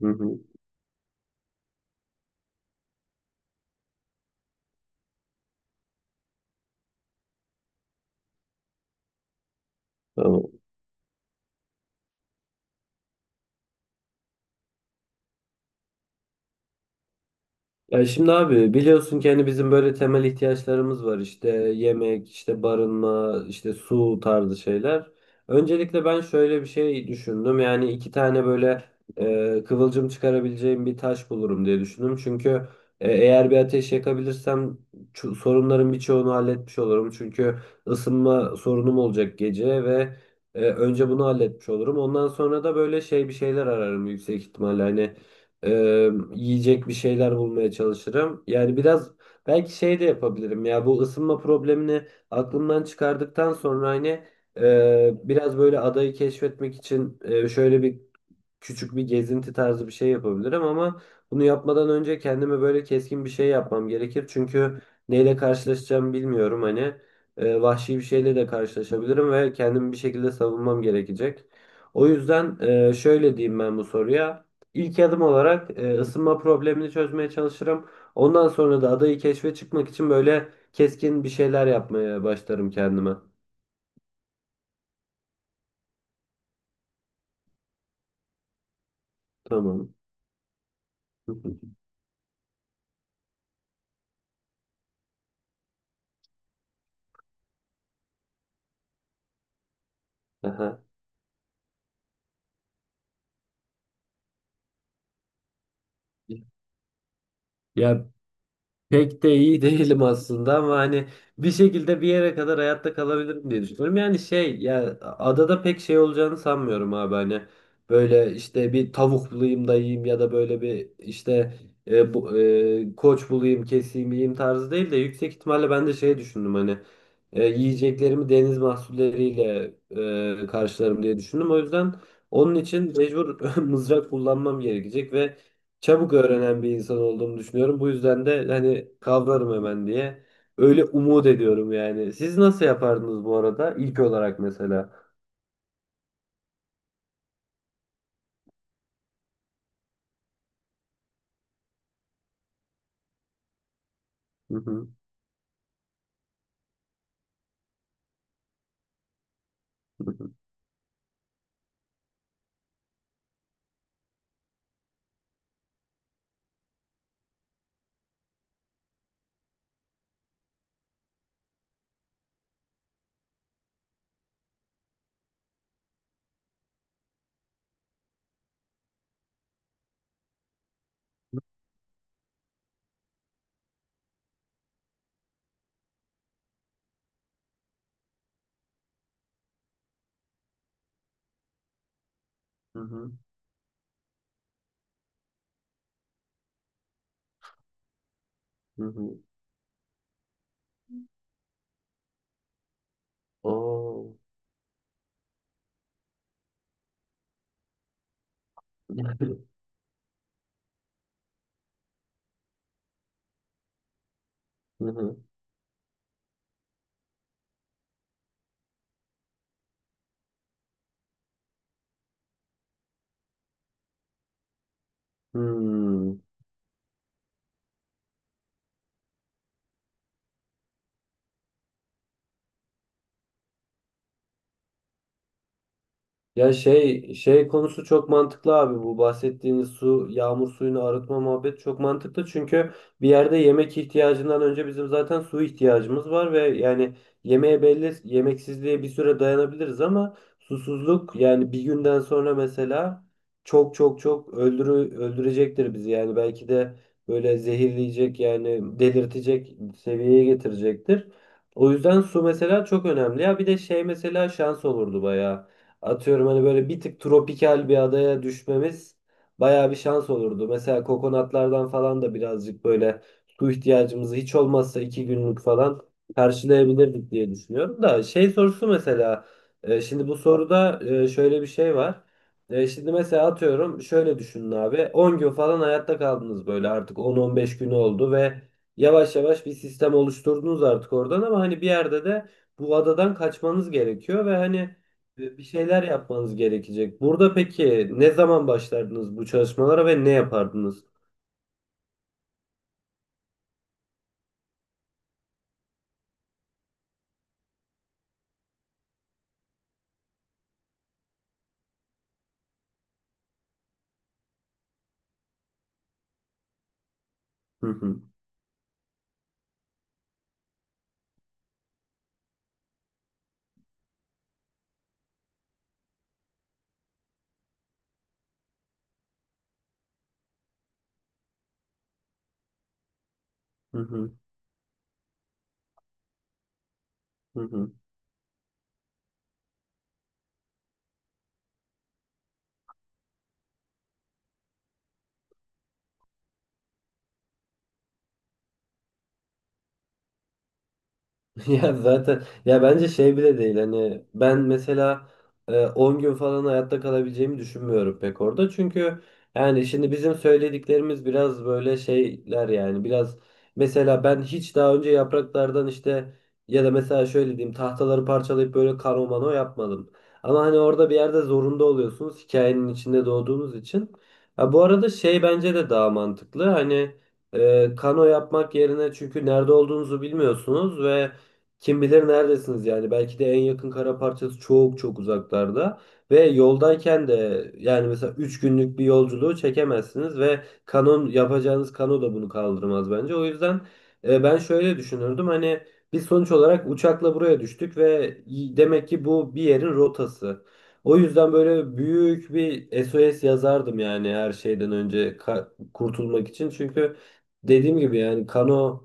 Hı hı. Tamam. Ya şimdi abi biliyorsun ki hani bizim böyle temel ihtiyaçlarımız var işte yemek, işte barınma, işte su tarzı şeyler. Öncelikle ben şöyle bir şey düşündüm yani iki tane böyle kıvılcım çıkarabileceğim bir taş bulurum diye düşündüm. Çünkü eğer bir ateş yakabilirsem sorunların birçoğunu halletmiş olurum. Çünkü ısınma sorunum olacak gece ve önce bunu halletmiş olurum. Ondan sonra da böyle şey bir şeyler ararım yüksek ihtimalle hani. Yiyecek bir şeyler bulmaya çalışırım. Yani biraz belki şey de yapabilirim ya bu ısınma problemini aklımdan çıkardıktan sonra hani biraz böyle adayı keşfetmek için şöyle bir küçük bir gezinti tarzı bir şey yapabilirim ama bunu yapmadan önce kendime böyle keskin bir şey yapmam gerekir. Çünkü neyle karşılaşacağım bilmiyorum hani vahşi bir şeyle de karşılaşabilirim ve kendimi bir şekilde savunmam gerekecek. O yüzden şöyle diyeyim ben bu soruya. İlk adım olarak ısınma problemini çözmeye çalışırım. Ondan sonra da adayı keşfe çıkmak için böyle keskin bir şeyler yapmaya başlarım kendime. Tamam. Aha. Ya pek de iyi değilim aslında ama hani bir şekilde bir yere kadar hayatta kalabilirim diye düşünüyorum. Yani şey ya adada pek şey olacağını sanmıyorum abi hani böyle işte bir tavuk bulayım da yiyeyim ya da böyle bir işte koç bulayım keseyim yiyeyim tarzı değil de yüksek ihtimalle ben de şey düşündüm hani yiyeceklerimi deniz mahsulleriyle karşılarım diye düşündüm. O yüzden onun için mecbur mızrak kullanmam gerekecek ve çabuk öğrenen bir insan olduğumu düşünüyorum. Bu yüzden de hani kavrarım hemen diye. Öyle umut ediyorum yani. Siz nasıl yapardınız bu arada? İlk olarak mesela. Hı hı, hı hı, hı hı, hı hı. Oo. Hı hı. Hmm. Ya şey konusu çok mantıklı abi, bu bahsettiğiniz su, yağmur suyunu arıtma muhabbeti çok mantıklı çünkü bir yerde yemek ihtiyacından önce bizim zaten su ihtiyacımız var ve yani yemeğe belli yemeksizliğe bir süre dayanabiliriz ama susuzluk yani bir günden sonra mesela çok çok çok öldürü öldürecektir bizi yani belki de böyle zehirleyecek yani delirtecek seviyeye getirecektir. O yüzden su mesela çok önemli ya bir de şey mesela şans olurdu bayağı. Atıyorum hani böyle bir tık tropikal bir adaya düşmemiz bayağı bir şans olurdu. Mesela kokonatlardan falan da birazcık böyle su ihtiyacımızı hiç olmazsa iki günlük falan karşılayabilirdik diye düşünüyorum. Da şey sorusu mesela şimdi bu soruda şöyle bir şey var. Şimdi mesela atıyorum şöyle düşünün abi, 10 gün falan hayatta kaldınız, böyle artık 10-15 günü oldu ve yavaş yavaş bir sistem oluşturdunuz artık oradan ama hani bir yerde de bu adadan kaçmanız gerekiyor ve hani bir şeyler yapmanız gerekecek. Burada peki ne zaman başlardınız bu çalışmalara ve ne yapardınız? Hı hı, hı hı, hı hı. Ya zaten ya bence şey bile değil hani ben mesela 10 gün falan hayatta kalabileceğimi düşünmüyorum pek orada. Çünkü yani şimdi bizim söylediklerimiz biraz böyle şeyler yani biraz mesela ben hiç daha önce yapraklardan işte ya da mesela şöyle diyeyim tahtaları parçalayıp böyle karo mano yapmadım. Ama hani orada bir yerde zorunda oluyorsunuz hikayenin içinde doğduğunuz için. Ha, bu arada şey bence de daha mantıklı hani kano yapmak yerine çünkü nerede olduğunuzu bilmiyorsunuz ve kim bilir neredesiniz yani belki de en yakın kara parçası çok çok uzaklarda ve yoldayken de yani mesela 3 günlük bir yolculuğu çekemezsiniz ve kanon yapacağınız kano da bunu kaldırmaz bence. O yüzden ben şöyle düşünürdüm hani biz sonuç olarak uçakla buraya düştük ve demek ki bu bir yerin rotası. O yüzden böyle büyük bir SOS yazardım yani her şeyden önce kurtulmak için çünkü dediğim gibi yani kano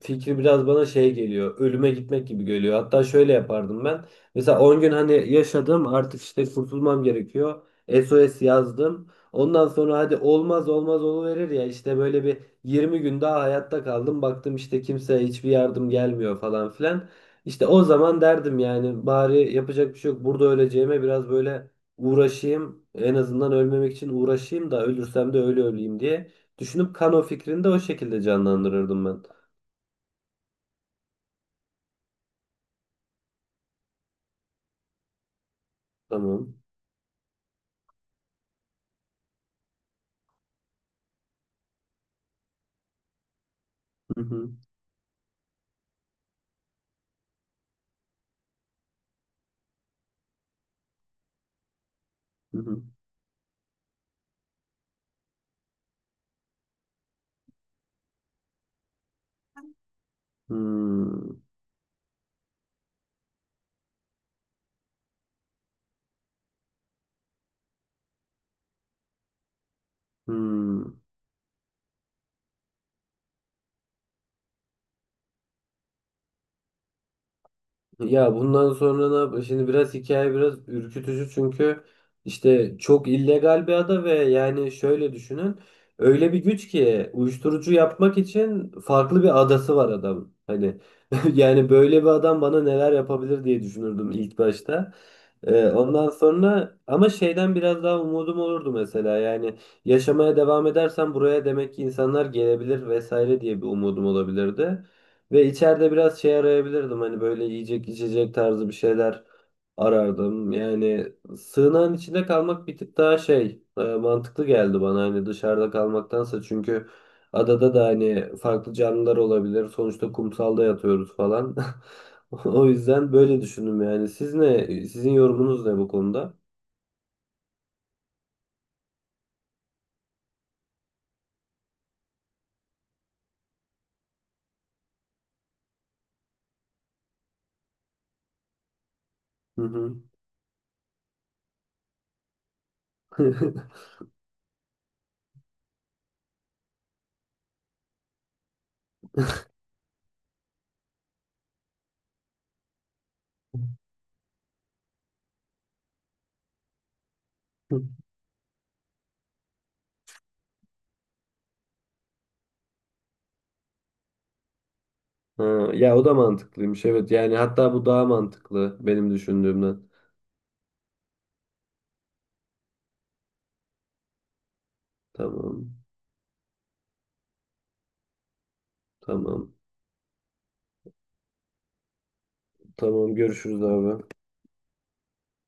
fikri biraz bana şey geliyor. Ölüme gitmek gibi geliyor. Hatta şöyle yapardım ben. Mesela 10 gün hani yaşadım artık işte kurtulmam gerekiyor. SOS yazdım. Ondan sonra hadi olmaz olmaz oluverir ya işte böyle bir 20 gün daha hayatta kaldım. Baktım işte kimseye hiçbir yardım gelmiyor falan filan. İşte o zaman derdim yani bari yapacak bir şey yok. Burada öleceğime biraz böyle uğraşayım. En azından ölmemek için uğraşayım da ölürsem de öyle öleyim diye. Düşünüp kano fikrini de o şekilde canlandırırdım ben. Tamam. Hı hı. Hı hı. Hmm. Hmm. Ya bundan sonra ne yap? Şimdi biraz hikaye biraz ürkütücü çünkü işte çok illegal bir ada ve yani şöyle düşünün. Öyle bir güç ki uyuşturucu yapmak için farklı bir adası var adam. Hani yani böyle bir adam bana neler yapabilir diye düşünürdüm ilk başta. Ondan sonra ama şeyden biraz daha umudum olurdu mesela yani yaşamaya devam edersem buraya demek ki insanlar gelebilir vesaire diye bir umudum olabilirdi. Ve içeride biraz şey arayabilirdim hani böyle yiyecek içecek tarzı bir şeyler arardım. Yani sığınağın içinde kalmak bir tık daha şey mantıklı geldi bana hani dışarıda kalmaktansa çünkü adada da hani farklı canlılar olabilir. Sonuçta kumsalda yatıyoruz falan. O yüzden böyle düşündüm yani. Siz ne? Sizin yorumunuz ne bu konuda? Hı hı. Ha, ya o da mantıklıymış, evet yani hatta bu daha mantıklı benim düşündüğümden. Tamam, tamam. Tamam, görüşürüz abi.